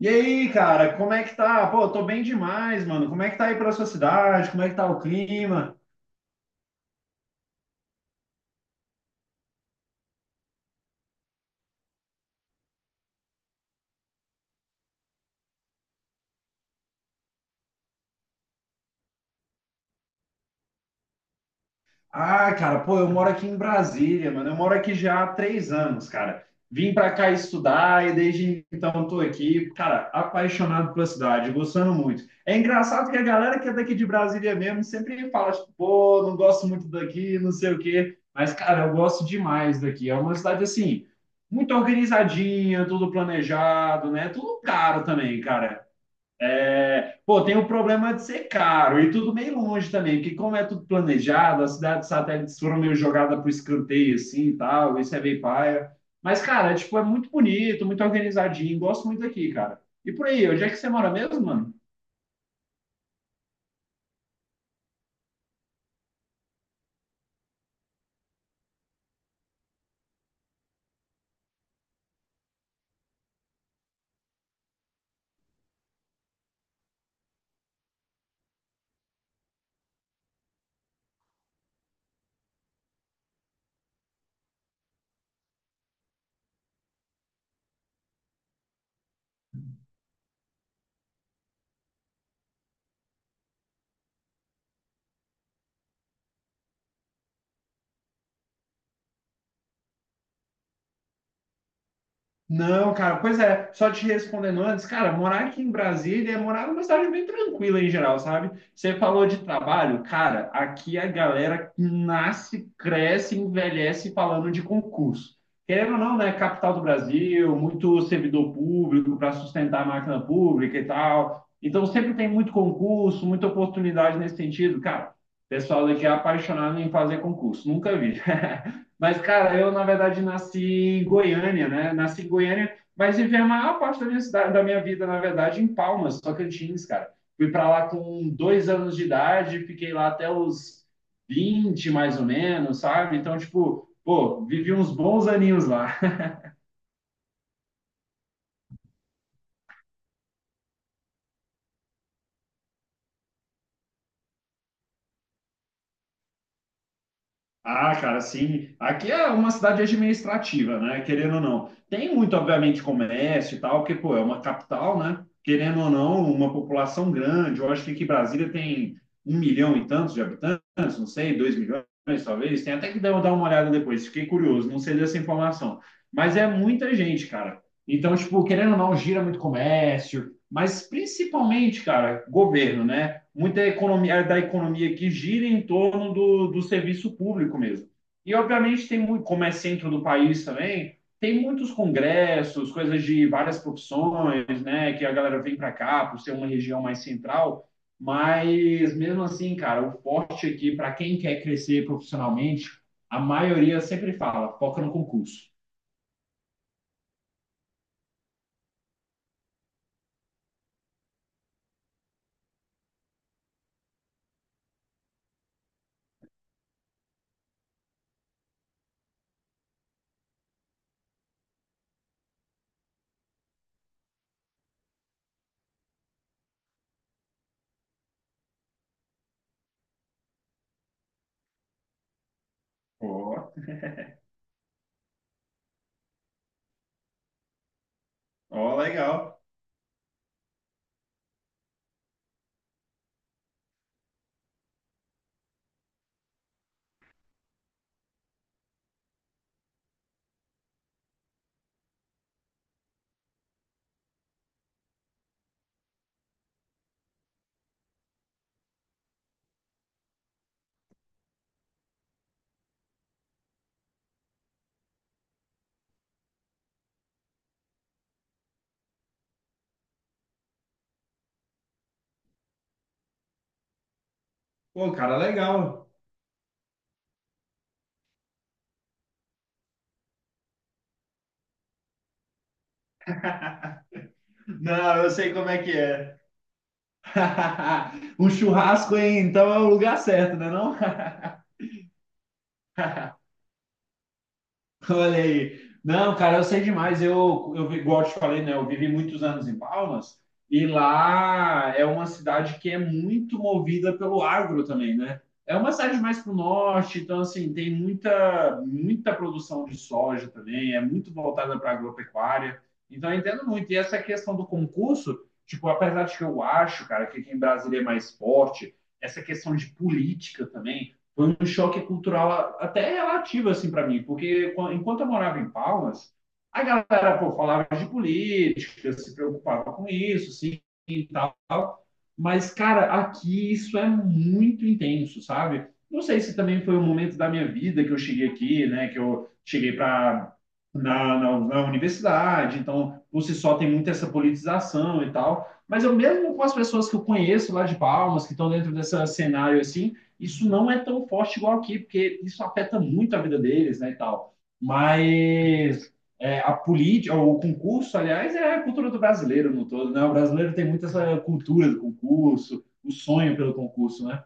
E aí, cara, como é que tá? Pô, eu tô bem demais, mano. Como é que tá aí pra sua cidade? Como é que tá o clima? Ah, cara, pô, eu moro aqui em Brasília, mano. Eu moro aqui já há 3 anos, cara. Vim pra cá estudar e desde então tô aqui, cara, apaixonado pela cidade, gostando muito. É engraçado que a galera que é daqui de Brasília mesmo sempre fala, tipo, pô, não gosto muito daqui, não sei o quê. Mas, cara, eu gosto demais daqui. É uma cidade assim, muito organizadinha, tudo planejado, né? Tudo caro também, cara. É, pô, tem o problema de ser caro e tudo meio longe também, porque como é tudo planejado, as cidades satélites foram meio jogadas para o escanteio assim e tal, isso é meio paia. Mas, cara, é, tipo, é muito bonito, muito organizadinho, gosto muito daqui, cara. E por aí, onde é que você mora mesmo, mano? Não, cara, pois é, só te respondendo antes, cara, morar aqui em Brasília é morar numa cidade bem tranquila em geral, sabe? Você falou de trabalho, cara, aqui a galera nasce, cresce, envelhece falando de concurso. Querendo ou não, né? Capital do Brasil, muito servidor público para sustentar a máquina pública e tal. Então sempre tem muito concurso, muita oportunidade nesse sentido, cara. O pessoal daqui é apaixonado em fazer concurso, nunca vi. Mas, cara, eu, na verdade, nasci em Goiânia, né? Nasci em Goiânia, mas vivi a maior parte da minha, da minha vida, na verdade, em Palmas, Tocantins, cara. Fui para lá com 2 anos de idade, fiquei lá até os 20 mais ou menos, sabe? Então, tipo, pô, vivi uns bons aninhos lá. Ah, cara, sim. Aqui é uma cidade administrativa, né? Querendo ou não. Tem muito, obviamente, comércio e tal, porque, pô, é uma capital, né? Querendo ou não, uma população grande. Eu acho que aqui Brasília tem 1 milhão e tantos de habitantes, não sei, 2 milhões, talvez. Tem até que dar uma olhada depois, fiquei curioso, não sei dessa informação. Mas é muita gente, cara. Então, tipo, querendo ou não, gira muito comércio, mas principalmente, cara, governo, né? Muita economia da economia que gira em torno do, do serviço público mesmo. E obviamente tem muito, como é centro do país também, tem muitos congressos, coisas de várias profissões, né, que a galera vem para cá por ser uma região mais central, mas mesmo assim, cara, o forte aqui para quem quer crescer profissionalmente, a maioria sempre fala, foca no concurso. Ó, ó, legal. Pô, cara, legal. Não, eu sei como é que é. O churrasco, hein? Então é o lugar certo, né não? Olha aí. Não, cara, eu sei demais. Igual eu te falei, né? Eu vivi muitos anos em Palmas e lá é uma cidade que é muito movida pelo agro também, né? É uma cidade mais para o norte, então, assim, tem muita, muita produção de soja também, é muito voltada para agropecuária. Então, eu entendo muito. E essa questão do concurso, tipo, apesar de que eu acho, cara, que aqui em Brasília é mais forte, essa questão de política também foi um choque cultural até relativo assim para mim, porque enquanto eu morava em Palmas, a galera pô, falava de política, se preocupava com isso, sim, e tal. Mas cara, aqui isso é muito intenso, sabe? Não sei se também foi um momento da minha vida que eu cheguei aqui, né, que eu cheguei para na universidade, então por si só tem muita essa politização e tal. Mas eu mesmo com as pessoas que eu conheço lá de Palmas, que estão dentro desse cenário assim, isso não é tão forte igual aqui, porque isso afeta muito a vida deles, né, e tal. Mas é, a política, o concurso, aliás, é a cultura do brasileiro no todo, né? O brasileiro tem muito essa cultura do concurso, o sonho pelo concurso, né?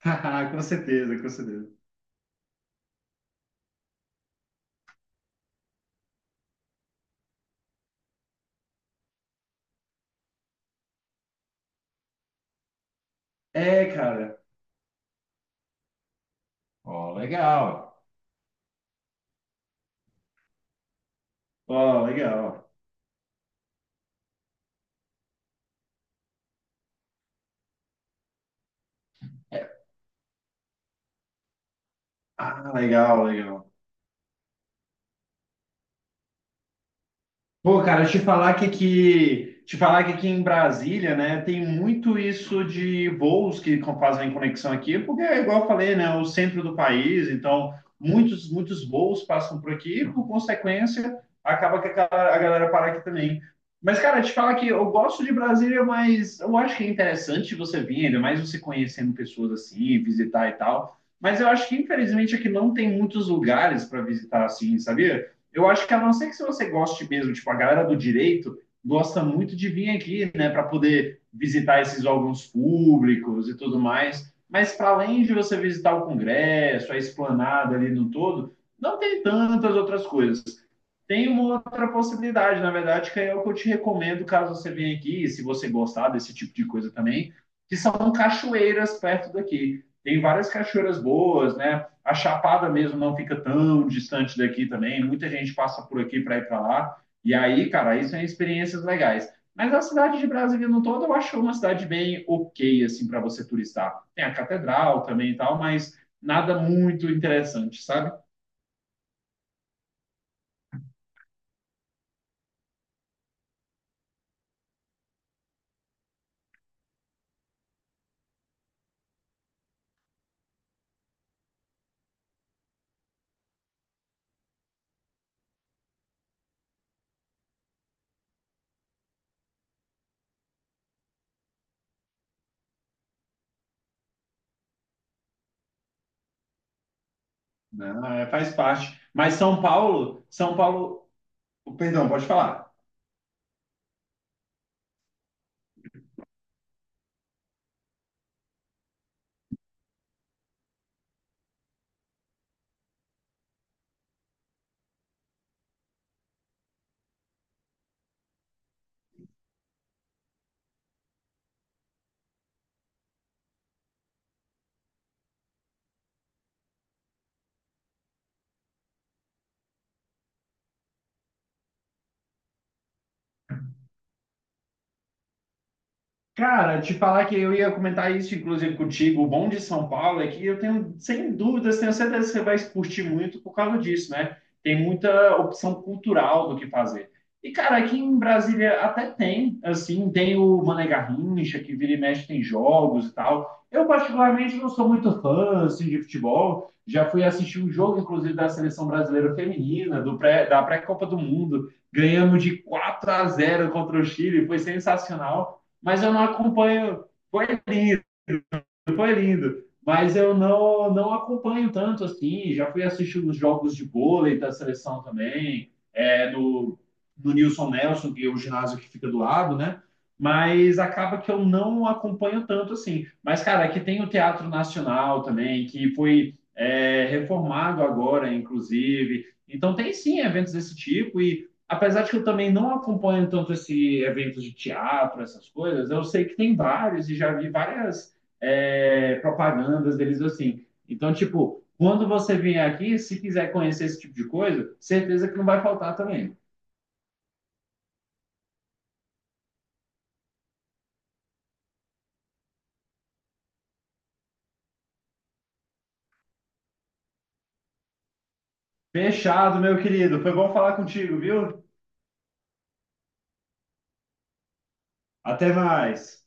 Com certeza, com certeza. É, cara. Ó, legal. Ó, legal. É, ah, legal, legal. Pô, cara, te falar que te falar que aqui em Brasília, né, tem muito isso de voos fazem conexão aqui, porque é igual eu falei, né, o centro do país, então muitos muitos voos passam por aqui, e, por consequência, acaba que a galera para aqui também. Mas, cara, te falar que eu gosto de Brasília, mas eu acho que é interessante você vir, ainda mais você conhecendo pessoas assim, visitar e tal. Mas eu acho que, infelizmente, aqui não tem muitos lugares para visitar assim, sabia? Eu acho que a não ser que se você goste mesmo, tipo, a galera do direito gosta muito de vir aqui, né, para poder visitar esses órgãos públicos e tudo mais. Mas para além de você visitar o Congresso, a esplanada ali no todo, não tem tantas outras coisas. Tem uma outra possibilidade, na verdade, que é o que eu te recomendo caso você venha aqui, e se você gostar desse tipo de coisa também, que são cachoeiras perto daqui. Tem várias cachoeiras boas, né? A Chapada mesmo não fica tão distante daqui também. Muita gente passa por aqui para ir para lá. E aí, cara, isso são experiências legais. Mas a cidade de Brasília no todo eu acho uma cidade bem ok, assim, para você turistar. Tem a catedral também e tal, mas nada muito interessante, sabe? Não, é, faz parte. Mas São Paulo, São Paulo, perdão, pode falar. Cara, te falar que eu ia comentar isso, inclusive, contigo. O bom de São Paulo é que eu tenho, sem dúvidas, tenho certeza que você vai curtir muito por causa disso, né? Tem muita opção cultural do que fazer. E, cara, aqui em Brasília até tem, assim, tem o Mané Garrincha, que vira e mexe tem jogos e tal. Eu, particularmente, não sou muito fã, assim, de futebol. Já fui assistir um jogo, inclusive, da Seleção Brasileira Feminina, da pré-Copa do Mundo. Ganhamos de 4 a 0 contra o Chile, foi sensacional, mas eu não acompanho. Foi foi lindo. Mas eu não, não acompanho tanto assim. Já fui assistir os jogos de vôlei da seleção também, é, no, no Nilson Nelson, que é o ginásio que fica do lado, né? Mas acaba que eu não acompanho tanto assim. Mas, cara, aqui tem o Teatro Nacional também, que foi é, reformado agora, inclusive. Então, tem sim eventos desse tipo. E apesar de que eu também não acompanho tanto esse eventos de teatro, essas coisas, eu sei que tem vários e já vi várias é, propagandas deles assim. Então, tipo, quando você vier aqui, se quiser conhecer esse tipo de coisa, certeza que não vai faltar também. Fechado, meu querido. Foi bom falar contigo, viu? Até mais.